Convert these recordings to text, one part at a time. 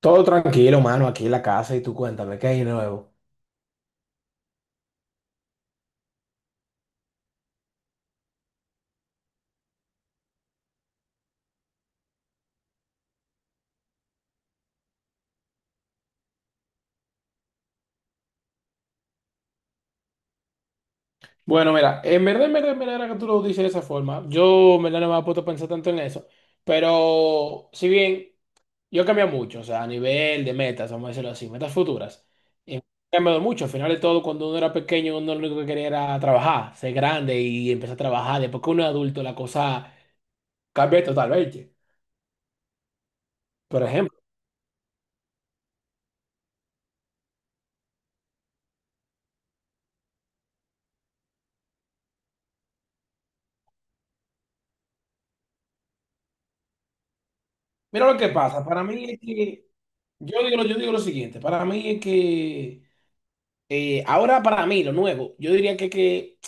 Todo tranquilo, mano, aquí en la casa y tú cuéntame, ¿qué hay nuevo? Bueno, mira, en verdad, en verdad, en verdad, ahora que tú lo dices de esa forma, yo en verdad no me había puesto a pensar tanto en eso, pero si bien yo he cambiado mucho, o sea, a nivel de metas, vamos a decirlo así, metas futuras, he cambiado mucho. Al final de todo, cuando uno era pequeño, uno lo único que quería era trabajar, ser grande y empezar a trabajar. Después que uno es adulto, la cosa cambia totalmente. Por ejemplo, mira lo que pasa, para mí es que, yo digo lo siguiente, para mí es que... ahora para mí, lo nuevo, yo diría que,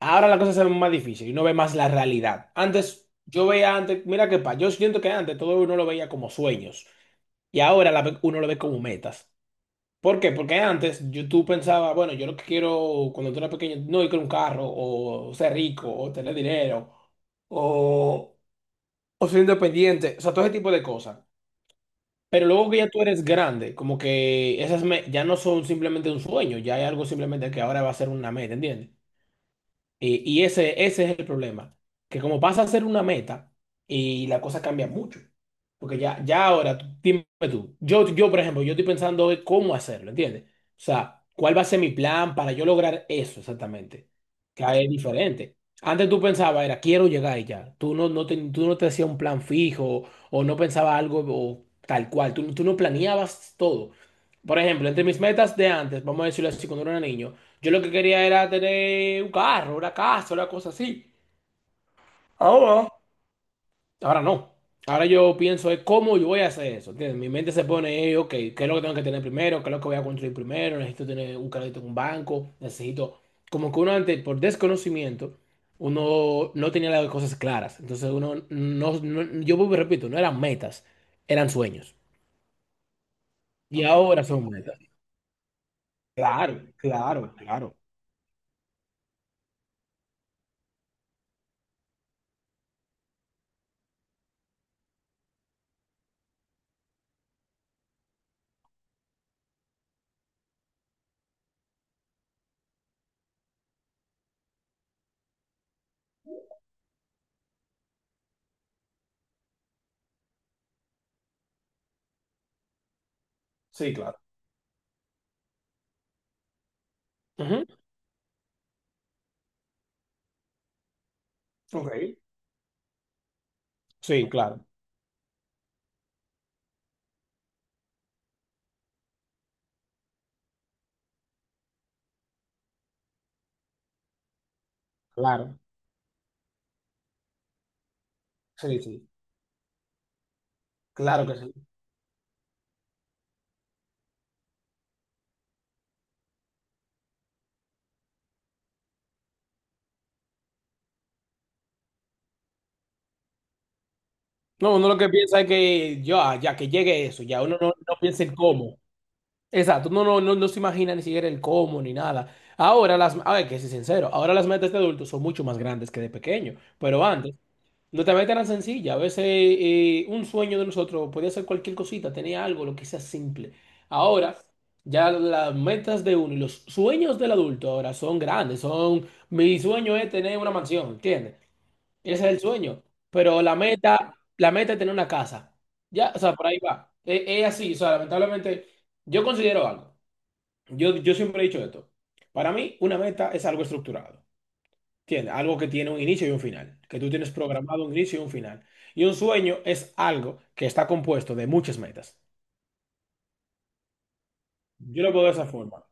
ahora las cosas se ven más difíciles y uno ve más la realidad. Antes, yo veía antes, mira qué pasa, yo siento que antes todo uno lo veía como sueños, y uno lo ve como metas. ¿Por qué? Porque antes yo, tú pensaba, bueno, yo lo que quiero cuando tú eras pequeño, no ir con un carro o ser rico o tener dinero o, o ser independiente, o sea, todo ese tipo de cosas. Pero luego que ya tú eres grande, como que ya no son simplemente un sueño, ya hay algo simplemente que ahora va a ser una meta, ¿entiendes? Y ese, ese es el problema, que como vas a hacer una meta y la cosa cambia mucho, porque ya, ya ahora, dime tú, yo por ejemplo, yo estoy pensando hoy cómo hacerlo, ¿entiendes? O sea, ¿cuál va a ser mi plan para yo lograr eso exactamente? Que ahí es diferente. Antes tú pensabas, era, quiero llegar y ya. Tú no, no te, tú no te hacías un plan fijo o no pensabas algo o tal cual, tú no planeabas todo. Por ejemplo, entre mis metas de antes, vamos a decirlo así, cuando era niño, yo lo que quería era tener un carro, una casa, una cosa así. Ahora, ahora no. Ahora yo pienso es cómo yo voy a hacer eso. ¿Entiendes? Mi mente se pone, ok, ¿qué es lo que tengo que tener primero? ¿Qué es lo que voy a construir primero? Necesito tener un crédito en un banco. Necesito, como que uno antes, por desconocimiento, uno no tenía las cosas claras. Entonces uno, no, yo vuelvo y repito, no eran metas, eran sueños. Y ahora son metas. Claro, claro, claro. Sí, claro. Ujú. Ok. Sí, claro, claro. Sí, sí, claro que sí. No, uno lo que piensa es que ya, ya que llegue eso, ya uno no, no piensa el cómo. Exacto, uno no, no, no se imagina ni siquiera el cómo ni nada. Ahora las, a ver, que soy sincero, ahora las metas de adultos son mucho más grandes que de pequeño, pero antes no te metas tan sencilla. A veces un sueño de nosotros podía ser cualquier cosita, tenía algo, lo que sea simple. Ahora ya las metas de uno y los sueños del adulto ahora son grandes, son, mi sueño es tener una mansión, ¿entiendes? Ese es el sueño. Pero la meta es tener una casa. Ya, o sea, por ahí va. Es así, o sea, lamentablemente, yo considero algo. Yo siempre he dicho esto. Para mí, una meta es algo estructurado. ¿Entiendes? Algo que tiene un inicio y un final. Que tú tienes programado un inicio y un final. Y un sueño es algo que está compuesto de muchas metas. Yo lo veo de esa forma.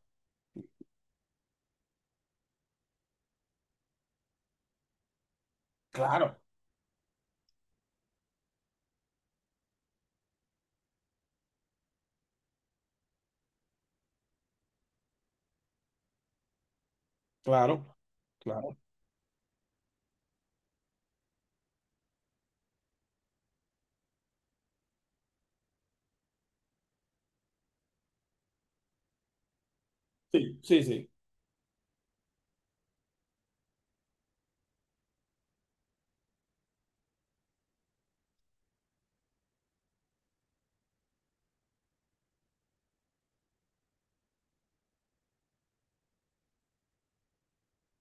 Claro, claro, claro. Sí, sí, sí.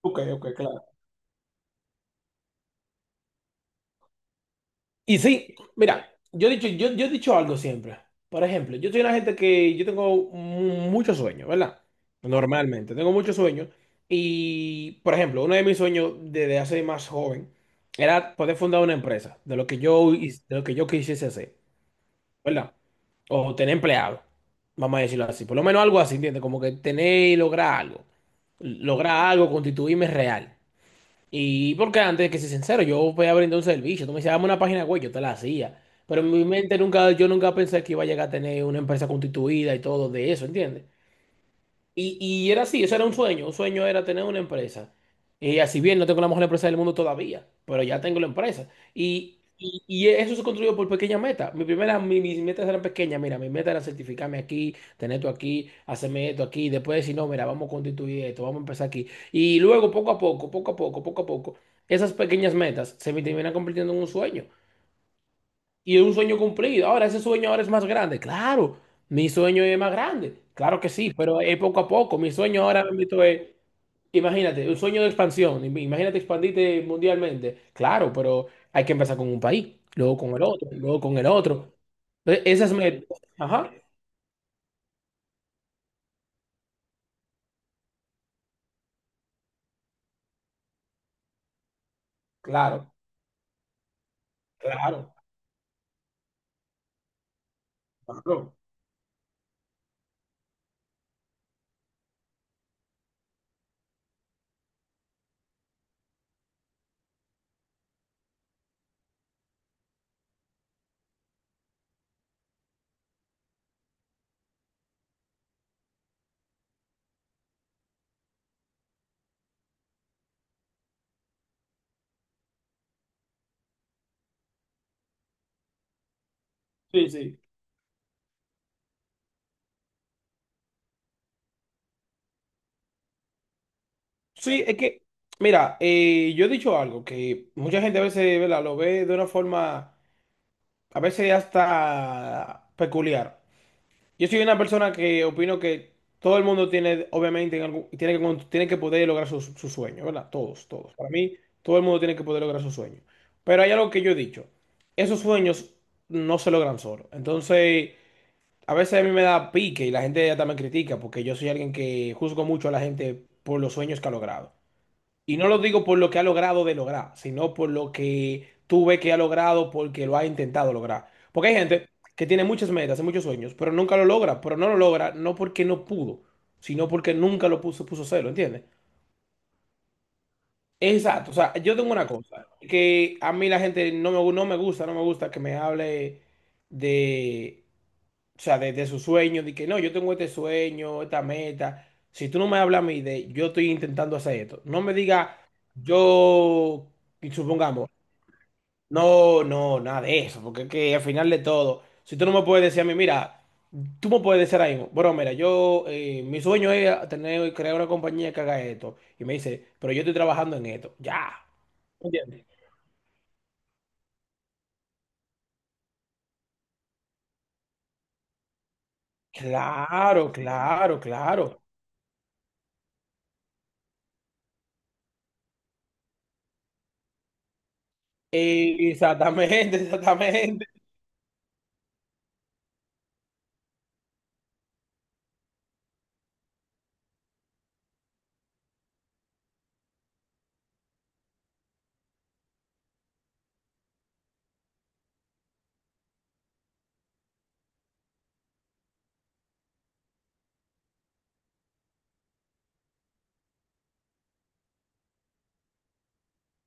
Ok, ok, claro. Y sí, mira, yo he dicho, yo he dicho algo siempre. Por ejemplo, yo soy una gente que yo tengo mucho sueño, ¿verdad? Normalmente, tengo mucho sueño. Y, por ejemplo, uno de mis sueños desde hace más joven era poder fundar una empresa, de lo que yo, de lo que yo quisiese hacer, ¿verdad? O tener empleado, vamos a decirlo así. Por lo menos algo así, ¿entiendes? Como que tener y lograr algo. Lograr algo, constituirme real. Y porque antes, que ser sincero, yo voy a brindar un servicio. Tú me decías, dame una página web, yo te la hacía. Pero en mi mente nunca, yo nunca pensé que iba a llegar a tener una empresa constituida y todo de eso, ¿entiendes? Y, y, era así, eso era un sueño. Un sueño era tener una empresa. Y así bien, no tengo la mejor empresa del mundo todavía, pero ya tengo la empresa. Y eso se construyó por pequeñas metas. Mi primera, mis metas eran pequeñas. Mira, mi meta era certificarme aquí, tener esto aquí, hacerme esto aquí. Después decir, no, mira, vamos a constituir esto, vamos a empezar aquí. Y luego, poco a poco, poco a poco, poco a poco, esas pequeñas metas se me terminan convirtiendo en un sueño. Y es un sueño cumplido. Ahora, ese sueño ahora es más grande. Claro, mi sueño es más grande. Claro que sí, pero es poco a poco. Mi sueño ahora mismo es, imagínate, un sueño de expansión. Imagínate expandirte mundialmente. Claro, pero hay que empezar con un país, luego con el otro, luego con el otro. Entonces, esas metas. Ajá, claro, claro, claro. Sí, sí. Sí, es que, mira, yo he dicho algo que mucha gente a veces, ¿verdad? Lo ve de una forma, a veces hasta peculiar. Yo soy una persona que opino que todo el mundo tiene, obviamente, tiene que, tiene que poder lograr sus sueños, ¿verdad? Todos, todos. Para mí, todo el mundo tiene que poder lograr sus sueños. Pero hay algo que yo he dicho, esos sueños no se logran solo. Entonces, a veces a mí me da pique y la gente ya también critica porque yo soy alguien que juzgo mucho a la gente por los sueños que ha logrado. Y no lo digo por lo que ha logrado de lograr, sino por lo que tú ves que ha logrado porque lo ha intentado lograr. Porque hay gente que tiene muchas metas y muchos sueños, pero nunca lo logra, pero no lo logra no porque no pudo, sino porque nunca lo puso, puso celo, ¿entiendes? Exacto, o sea, yo tengo una cosa, que a mí la gente no me, no me gusta, no me gusta que me hable de, o sea, de su sueño, de que no, yo tengo este sueño, esta meta. Si tú no me hablas a mí de yo estoy intentando hacer esto, no me diga yo, y supongamos, no, no, nada de eso, porque es que al final de todo, si tú no me puedes decir a mí, mira, tú me puedes decir ahí mismo, bueno, mira, yo, mi sueño es tener, crear una compañía que haga esto, y me dice, pero yo estoy trabajando en esto, ya, ¿entiendes? Claro, claro, claro. Exactamente, exactamente.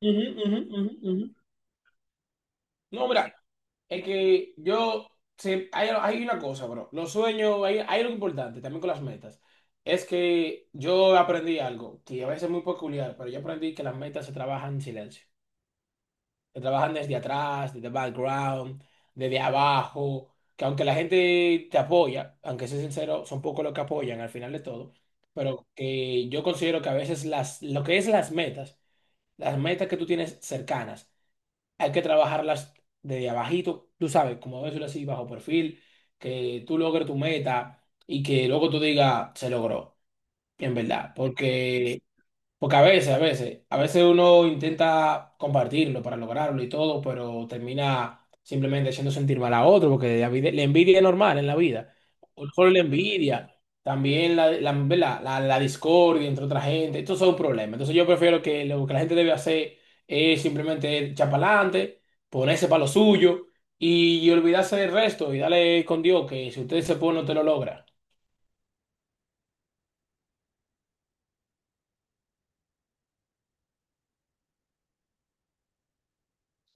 Ujú, ujú, ujú, ujú. No, mira, es que yo, hay, hay una cosa, bro, los sueños, hay algo importante también con las metas, es que yo aprendí algo, que a veces es muy peculiar, pero yo aprendí que las metas se trabajan en silencio, se trabajan desde atrás, desde background, desde abajo, que aunque la gente te apoya, aunque sea sincero, son pocos los que apoyan al final de todo, pero que yo considero que a veces lo que es las metas que tú tienes cercanas, hay que trabajarlas desde abajito, tú sabes, como decirlo así, bajo perfil, que tú logres tu meta y que luego tú digas, se logró, en verdad, porque a veces, a veces, a veces uno intenta compartirlo para lograrlo y todo, pero termina simplemente haciendo sentir mal a otro, porque la envidia es normal en la vida. No solo la envidia, también ¿verdad? La discordia entre otra gente, esto es un problema. Entonces yo prefiero que lo que la gente debe hacer es simplemente echar para adelante, ponerse para lo suyo y, olvidarse del resto y darle con Dios que si usted se pone, usted lo logra.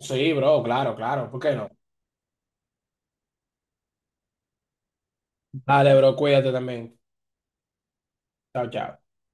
Sí, bro, claro, claro, ¿por qué no? Dale, bro, cuídate también. Chao, chao.